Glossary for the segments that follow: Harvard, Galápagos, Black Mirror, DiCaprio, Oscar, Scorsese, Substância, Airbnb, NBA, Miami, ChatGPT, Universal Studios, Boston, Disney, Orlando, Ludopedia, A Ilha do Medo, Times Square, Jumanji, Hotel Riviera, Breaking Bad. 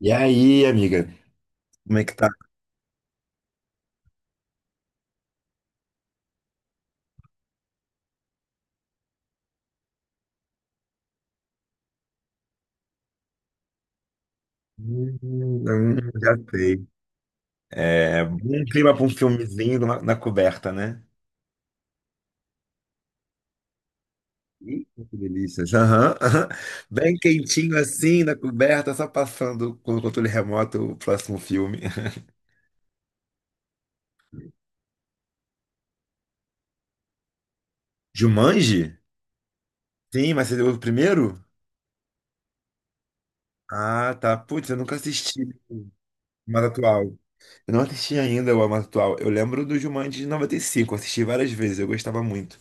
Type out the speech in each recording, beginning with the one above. E aí, amiga? Como é que tá? Hum, hum, já sei. É, um clima pra um filmezinho na coberta, né? Ih, que delícia. Aham, aham. Bem quentinho assim, na coberta, só passando com o controle remoto o próximo filme. Jumanji? Sim, mas você deu o primeiro? Ah, tá. Putz, eu nunca assisti mais atual. Eu não assisti ainda o mais atual. Eu lembro do Jumanji de 95, eu assisti várias vezes, eu gostava muito.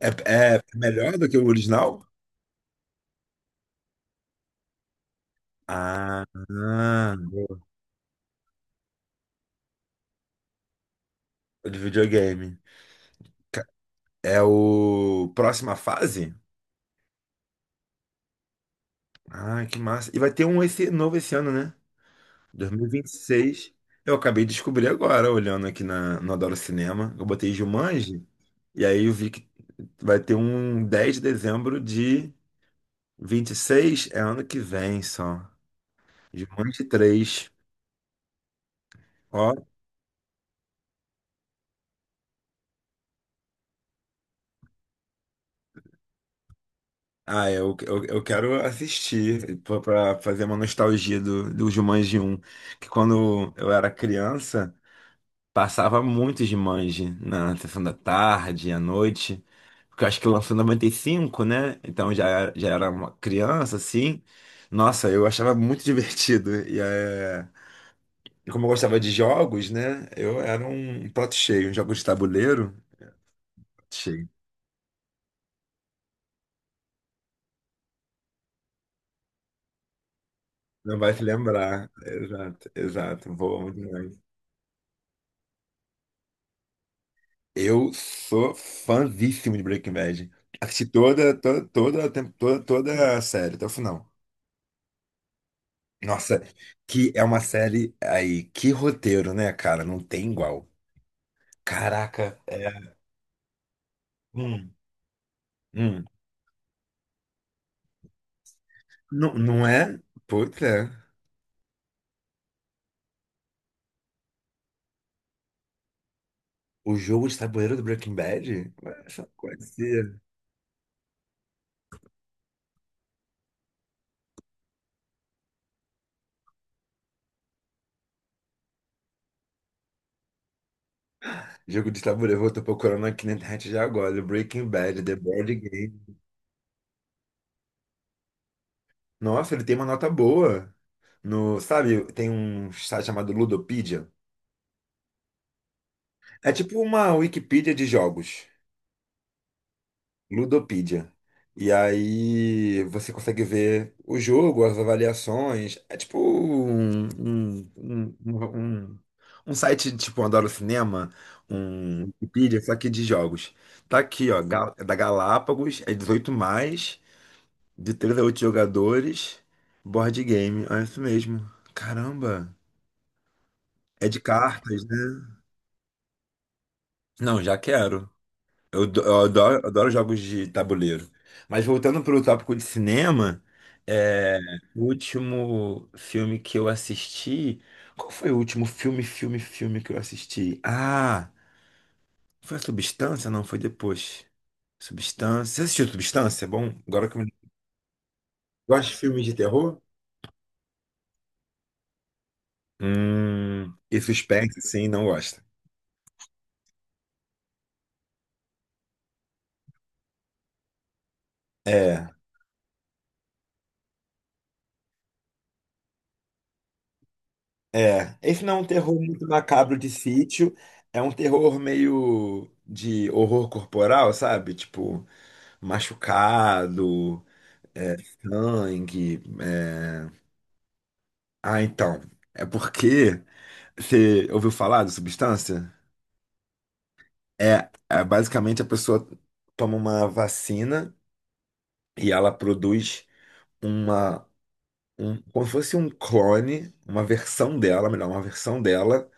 É, é melhor do que o original? Ah, ah, boa. O de videogame. Ca- É o próxima fase? Ah, que massa. E vai ter um esse, novo esse ano, né? 2026. Eu acabei de descobrir agora, olhando aqui no Adoro Cinema. Eu botei Jumanji, e aí eu vi que vai ter um 10 de dezembro de 26, é ano que vem só. Jumanji três. Ó, ah, eu quero assistir pra fazer uma nostalgia do Jumanji um. Que quando eu era criança, passava muito Jumanji na sessão da tarde, à noite. Porque eu acho que lançou em 95, né? Então já, já era uma criança, assim. Nossa, eu achava muito divertido. E é, e como eu gostava de jogos, né? Eu era um prato cheio, um jogo de tabuleiro. Prato cheio. Não vai se lembrar. Exato, exato. Vou muito. Eu sou fãzíssimo de Breaking Bad. Assisti toda a série, até o final. Nossa, que é uma série aí, que roteiro, né, cara? Não tem igual. Caraca, é. Hum, hum. Não, não é? Putz, é. O jogo de tabuleiro do Breaking Bad? Ué, só conhecia. Jogo de tabuleiro, eu tô procurando aqui na internet já agora. Breaking Bad, The Board Game. Nossa, ele tem uma nota boa. No, sabe, tem um site chamado Ludopedia. É tipo uma Wikipedia de jogos, Ludopedia. E aí você consegue ver o jogo, as avaliações. É tipo um site tipo Adoro Cinema, um Wikipedia, só que de jogos. Tá aqui, ó, é da Galápagos, é 18+, de 3 a 8 jogadores, board game. É isso mesmo. Caramba. É de cartas, né? Não, já quero. Eu adoro, adoro jogos de tabuleiro. Mas voltando para o tópico de cinema, é, o último filme que eu assisti. Qual foi o último filme que eu assisti? Ah, foi a Substância? Não, foi depois. Substância. Você assistiu Substância? É bom, agora que eu me. Gosta de filmes de terror? E suspense, sim, não gosta. É. É, esse não é um terror muito macabro de sítio, é um terror meio de horror corporal, sabe? Tipo, machucado, é, sangue. É. Ah, então, é porque você ouviu falar de substância? É, basicamente a pessoa toma uma vacina e ela produz uma, um, como se fosse um clone, uma versão dela, melhor, uma versão dela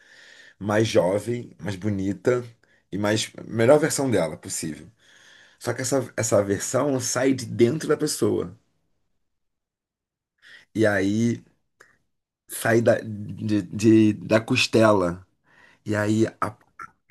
mais jovem, mais bonita e mais melhor versão dela possível. Só que essa versão sai de dentro da pessoa. E aí sai da costela. E aí,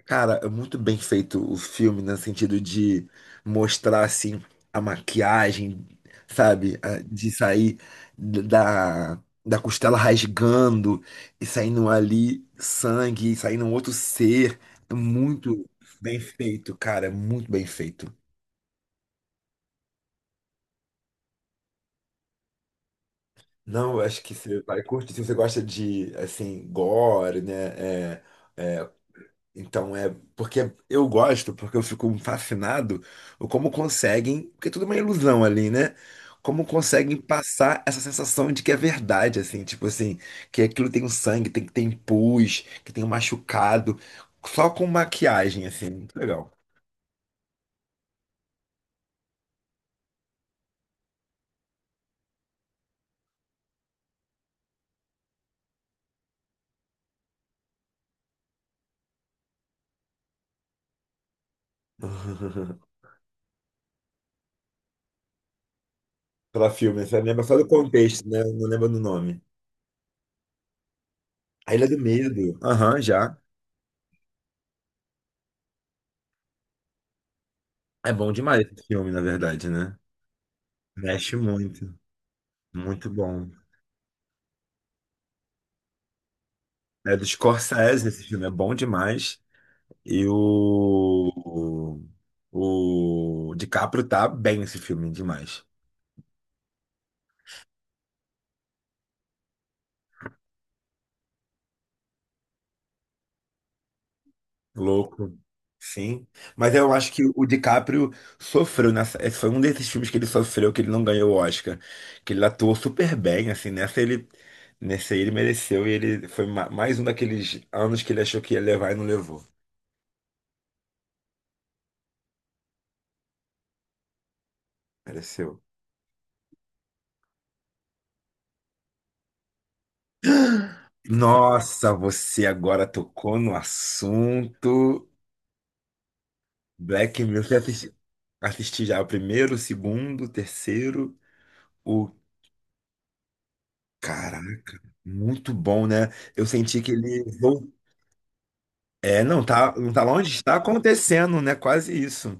cara, é muito bem feito o filme, né, no sentido de mostrar, assim, a maquiagem, sabe? De sair d- da, da costela rasgando e saindo ali sangue, e saindo um outro ser. É muito bem feito, cara, é muito bem feito. Não, eu acho que você vai curtir, se você gosta de, assim, gore, né? É, Então é porque eu gosto, porque eu fico fascinado o como conseguem, porque tudo é uma ilusão ali, né? Como conseguem passar essa sensação de que é verdade, assim, tipo assim, que aquilo tem um sangue, tem que tem pus, que tem um machucado, só com maquiagem, assim, muito legal. Pela filme, você lembra só do contexto, né? Não lembra do nome. A Ilha do Medo. Aham, já. É bom demais esse filme, na verdade, né? Mexe muito, muito bom. É do Scorsese, esse filme é bom demais. E o DiCaprio tá bem nesse filme demais. Louco. Sim. Mas eu acho que o DiCaprio sofreu nessa. Esse foi um desses filmes que ele sofreu que ele não ganhou o Oscar. Que ele atuou super bem, assim. Nessa ele mereceu. E ele foi mais um daqueles anos que ele achou que ia levar e não levou. Mereceu. Nossa, você agora tocou no assunto. Black Mirror, eu assisti já o primeiro, o segundo, o terceiro, o cara, muito bom, né? Eu senti que ele não tá, não tá longe, está acontecendo, né? Quase isso.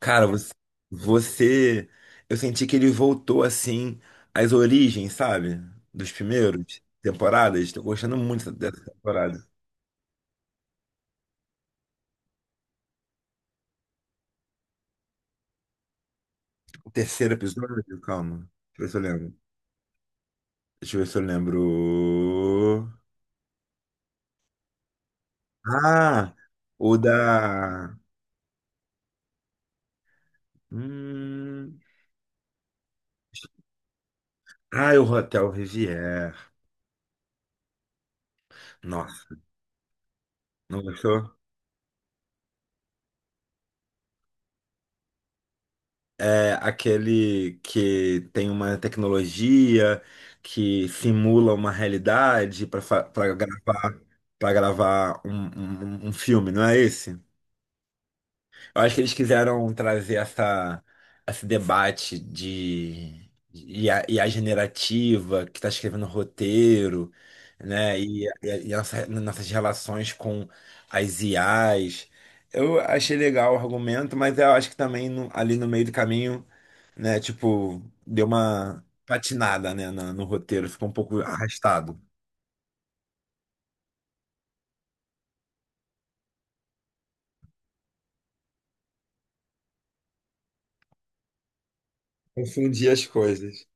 Cara, você- eu senti que ele voltou assim às origens, sabe? Dos primeiros temporadas. Tô gostando muito dessa temporada. O terceiro episódio, calma. Deixa eu ver se eu lembro. Deixa eu ver se eu lembro. Ah, o da. Hum. Ah, o Hotel Riviera. Nossa, não gostou? É aquele que tem uma tecnologia que simula uma realidade para gravar, um filme, não é esse? Eu acho que eles quiseram trazer esse debate de e a generativa que está escrevendo roteiro, né? E nossas relações com as IAs. Eu achei legal o argumento, mas eu acho que também ali no meio do caminho, né? Tipo, deu uma patinada, né? No roteiro, ficou um pouco arrastado. Confundi as coisas.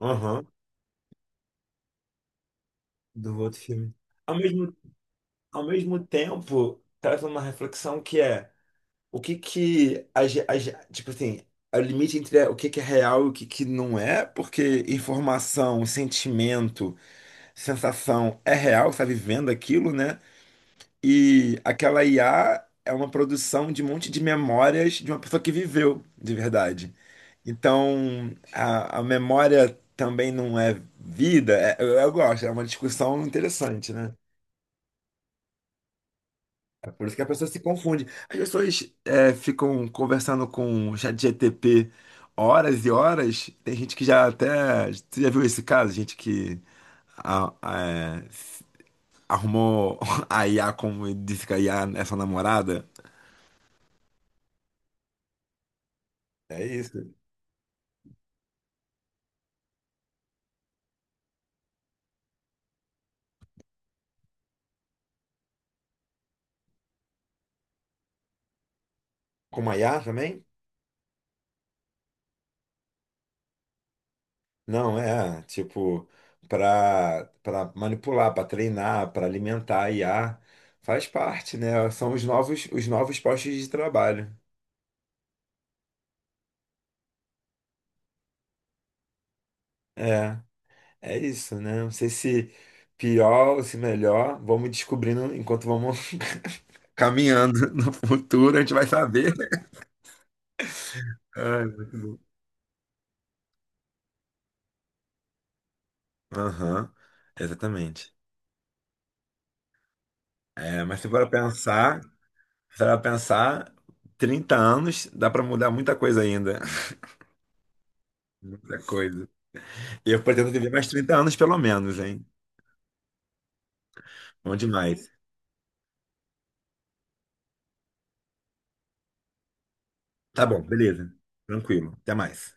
Aham, do outro filme. Ao mesmo ao mesmo tempo, traz uma reflexão que é o que que tipo assim, é o limite entre o que que é real e o que que não é, porque informação, sentimento, sensação é real, você tá vivendo aquilo, né? E aquela IA é uma produção de um monte de memórias de uma pessoa que viveu de verdade. Então, a memória também não é vida. Eu gosto, é uma discussão interessante, né? Por isso que a pessoa se confunde. As pessoas ficam conversando com o ChatGPT horas e horas. Tem gente que já até. Você já viu esse caso? Gente que a- a- é, arrumou a IA como disse que a IA é sua namorada. É isso. Com a IA também? Não, é. Tipo, para manipular, para treinar, para alimentar a IA. Faz parte, né? São os novos postos de trabalho. É. É isso, né? Não sei se pior ou se melhor. Vamos descobrindo enquanto vamos caminhando no futuro, a gente vai saber. Ai, aham, exatamente. É, mas se for pensar, 30 anos dá para mudar muita coisa ainda. Muita coisa. Eu pretendo viver mais 30 anos, pelo menos, hein? Bom demais. Tá bom, beleza. Tranquilo. Até mais.